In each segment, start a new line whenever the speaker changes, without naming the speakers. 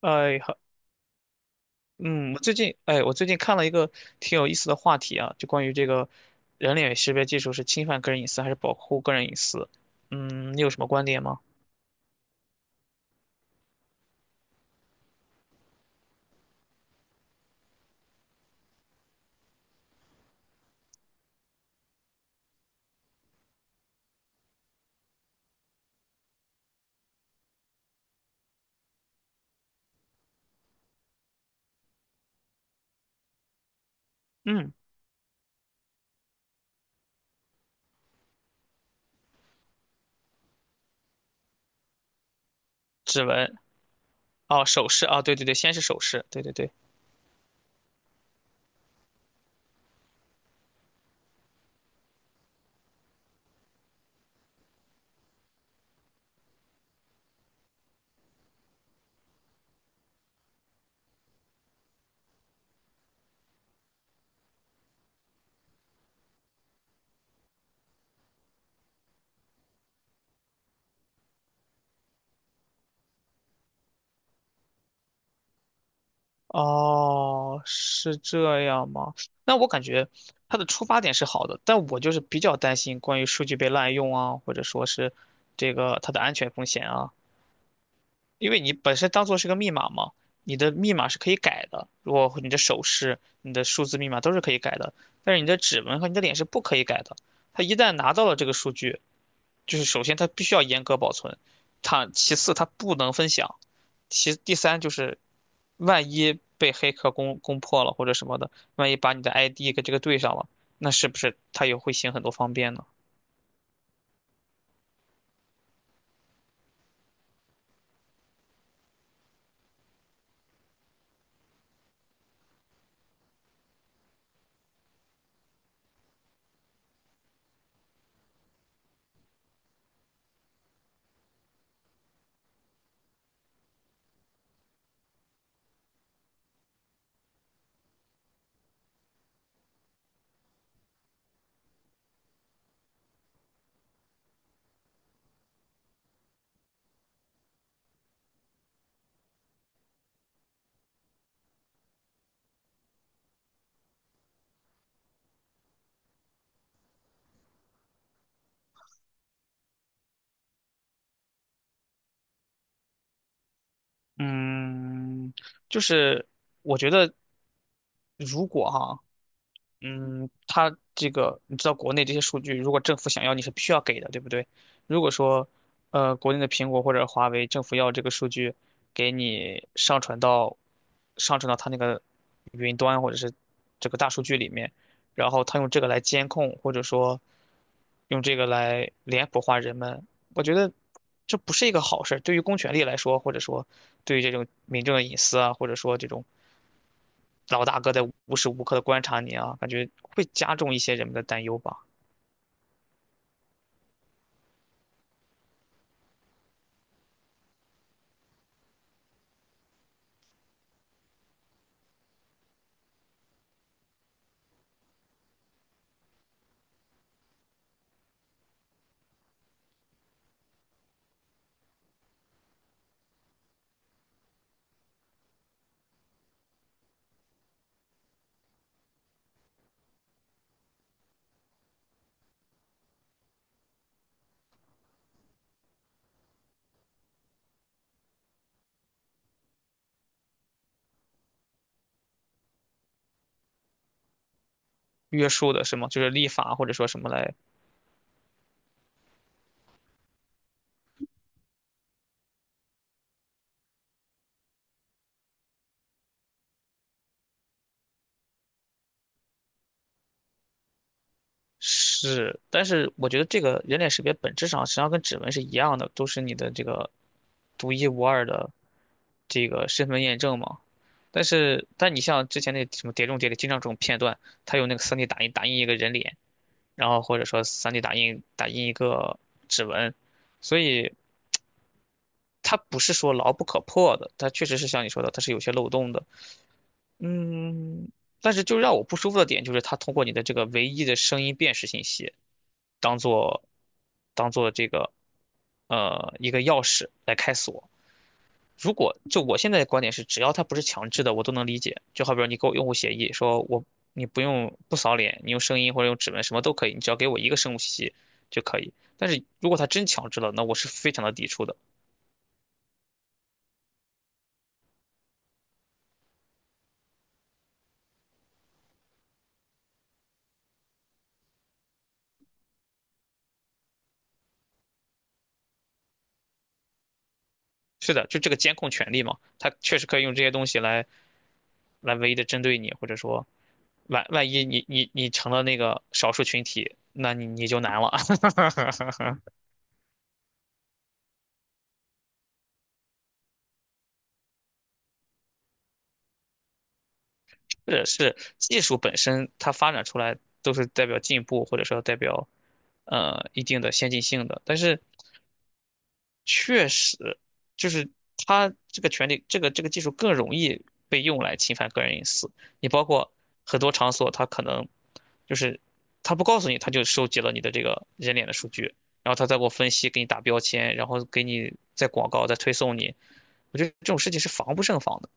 哎，好，嗯，我最近，我最近看了一个挺有意思的话题啊，就关于这个人脸识别技术是侵犯个人隐私还是保护个人隐私？嗯，你有什么观点吗？嗯，指纹，哦，手势，啊，对对对，先是手势，对对对，哦，是这样吗？那我感觉它的出发点是好的，但我就是比较担心关于数据被滥用啊，或者说是这个它的安全风险啊。因为你本身当做是个密码嘛，你的密码是可以改的。如果你的手势、你的数字密码都是可以改的，但是你的指纹和你的脸是不可以改的。他一旦拿到了这个数据，就是首先他必须要严格保存，他其次他不能分享，其第三就是万一被黑客攻破了或者什么的，万一把你的 ID 跟这个对上了，那是不是他也会行很多方便呢？嗯，就是我觉得如果哈。嗯，它这个你知道，国内这些数据，如果政府想要，你是必须要给的，对不对？如果说，国内的苹果或者华为，政府要这个数据，给你上传到它那个云端或者是这个大数据里面，然后它用这个来监控，或者说用这个来脸谱化人们，我觉得这不是一个好事儿，对于公权力来说，或者说对于这种民众的隐私啊，或者说这种老大哥在无时无刻的观察你啊，感觉会加重一些人们的担忧吧。约束的是吗？就是立法或者说什么来是，但是我觉得这个人脸识别本质上实际上跟指纹是一样的，都是你的这个独一无二的这个身份验证嘛。但是，但你像之前那什么《碟中谍》里经常这种片段，它有那个 3D 打印一个人脸，然后或者说 3D 打印一个指纹，所以。它不是说牢不可破的，它确实是像你说的，它是有些漏洞的。嗯，但是就让我不舒服的点就是它通过你的这个唯一的声音辨识信息，当做当做这个一个钥匙来开锁。如果就我现在的观点是，只要它不是强制的，我都能理解。就好比说你给我用户协议，说我你不用不扫脸，你用声音或者用指纹什么都可以，你只要给我一个生物信息就可以。但是如果它真强制了，那我是非常的抵触的。是的，就这个监控权利嘛，它确实可以用这些东西来来唯一的针对你，或者说万一你成了那个少数群体，那你就难了。是是，技术本身它发展出来都是代表进步，或者说代表一定的先进性的，但是确实，就是它这个权利，这个这个技术更容易被用来侵犯个人隐私。你包括很多场所，它可能就是它不告诉你，它就收集了你的这个人脸的数据，然后它再给我分析，给你打标签，然后给你再广告，再推送你。我觉得这种事情是防不胜防的。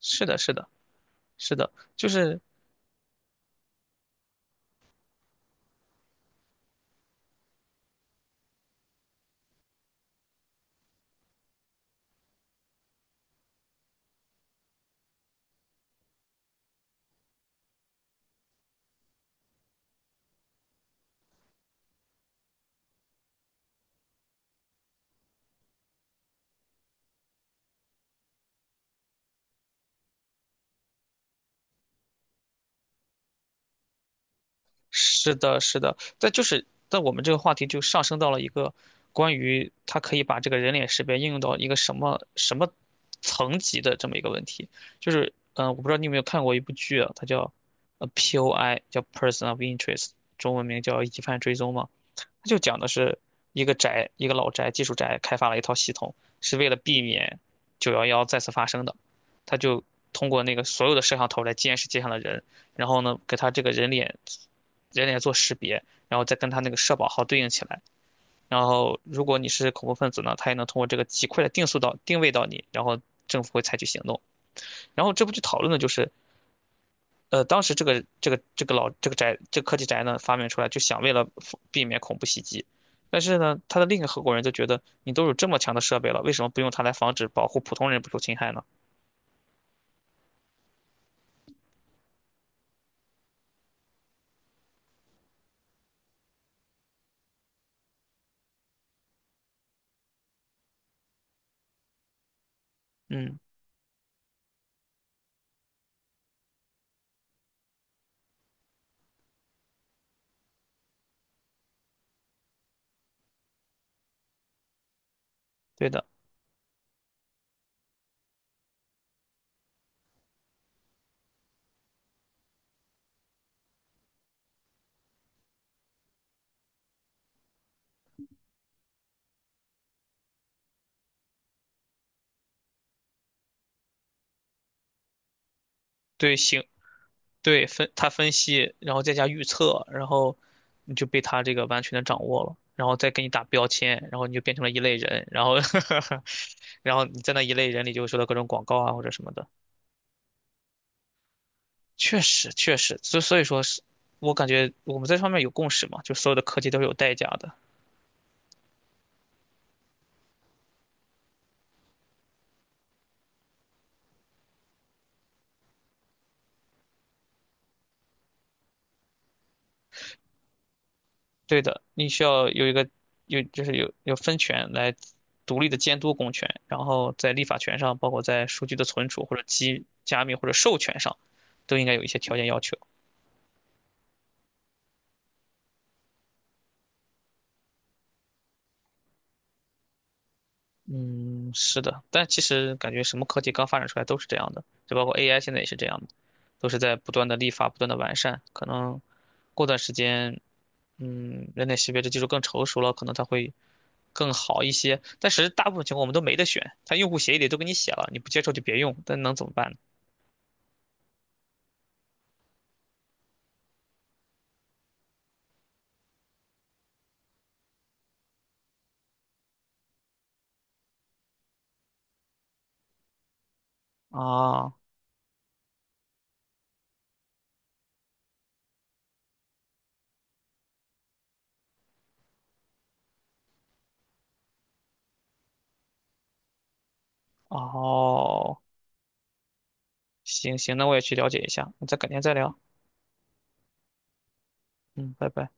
是的，是的，是的，就是是的，是的，但就是但我们这个话题就上升到了一个关于它可以把这个人脸识别应用到一个什么什么层级的这么一个问题。就是，我不知道你有没有看过一部剧啊，它叫POI，叫 Person of Interest，中文名叫疑犯追踪嘛。它就讲的是一个宅，一个老宅，技术宅开发了一套系统，是为了避免9/11再次发生的。他就通过那个所有的摄像头来监视街上的人，然后呢，给他这个人脸做识别，然后再跟他那个社保号对应起来。然后，如果你是恐怖分子呢，他也能通过这个极快的定速到定位到你，然后政府会采取行动。然后这部剧讨论的就是当时这个老这个宅这个科技宅呢发明出来，就想为了避免恐怖袭击。但是呢，他的另一个合伙人就觉得，你都有这么强的设备了，为什么不用它来防止保护普通人不受侵害呢？嗯，对的，对行，对分他分析，然后再加预测，然后你就被他这个完全的掌握了，然后再给你打标签，然后你就变成了一类人，然后 然后你在那一类人里就会收到各种广告啊或者什么的。确实，确实，所以说是，我感觉我们在这方面有共识嘛，就所有的科技都是有代价的。对的，你需要有一个有就是有分权来独立的监督公权，然后在立法权上，包括在数据的存储或者机加密或者授权上，都应该有一些条件要求。嗯，是的，但其实感觉什么科技刚发展出来都是这样的，就包括 AI 现在也是这样的，都是在不断的立法、不断的完善，可能过段时间。嗯，人脸识别这技术更成熟了，可能它会更好一些。但是大部分情况我们都没得选，它用户协议里都给你写了，你不接受就别用，但能怎么办呢？啊，哦，行行，那我也去了解一下，那再改天再聊。嗯，拜拜。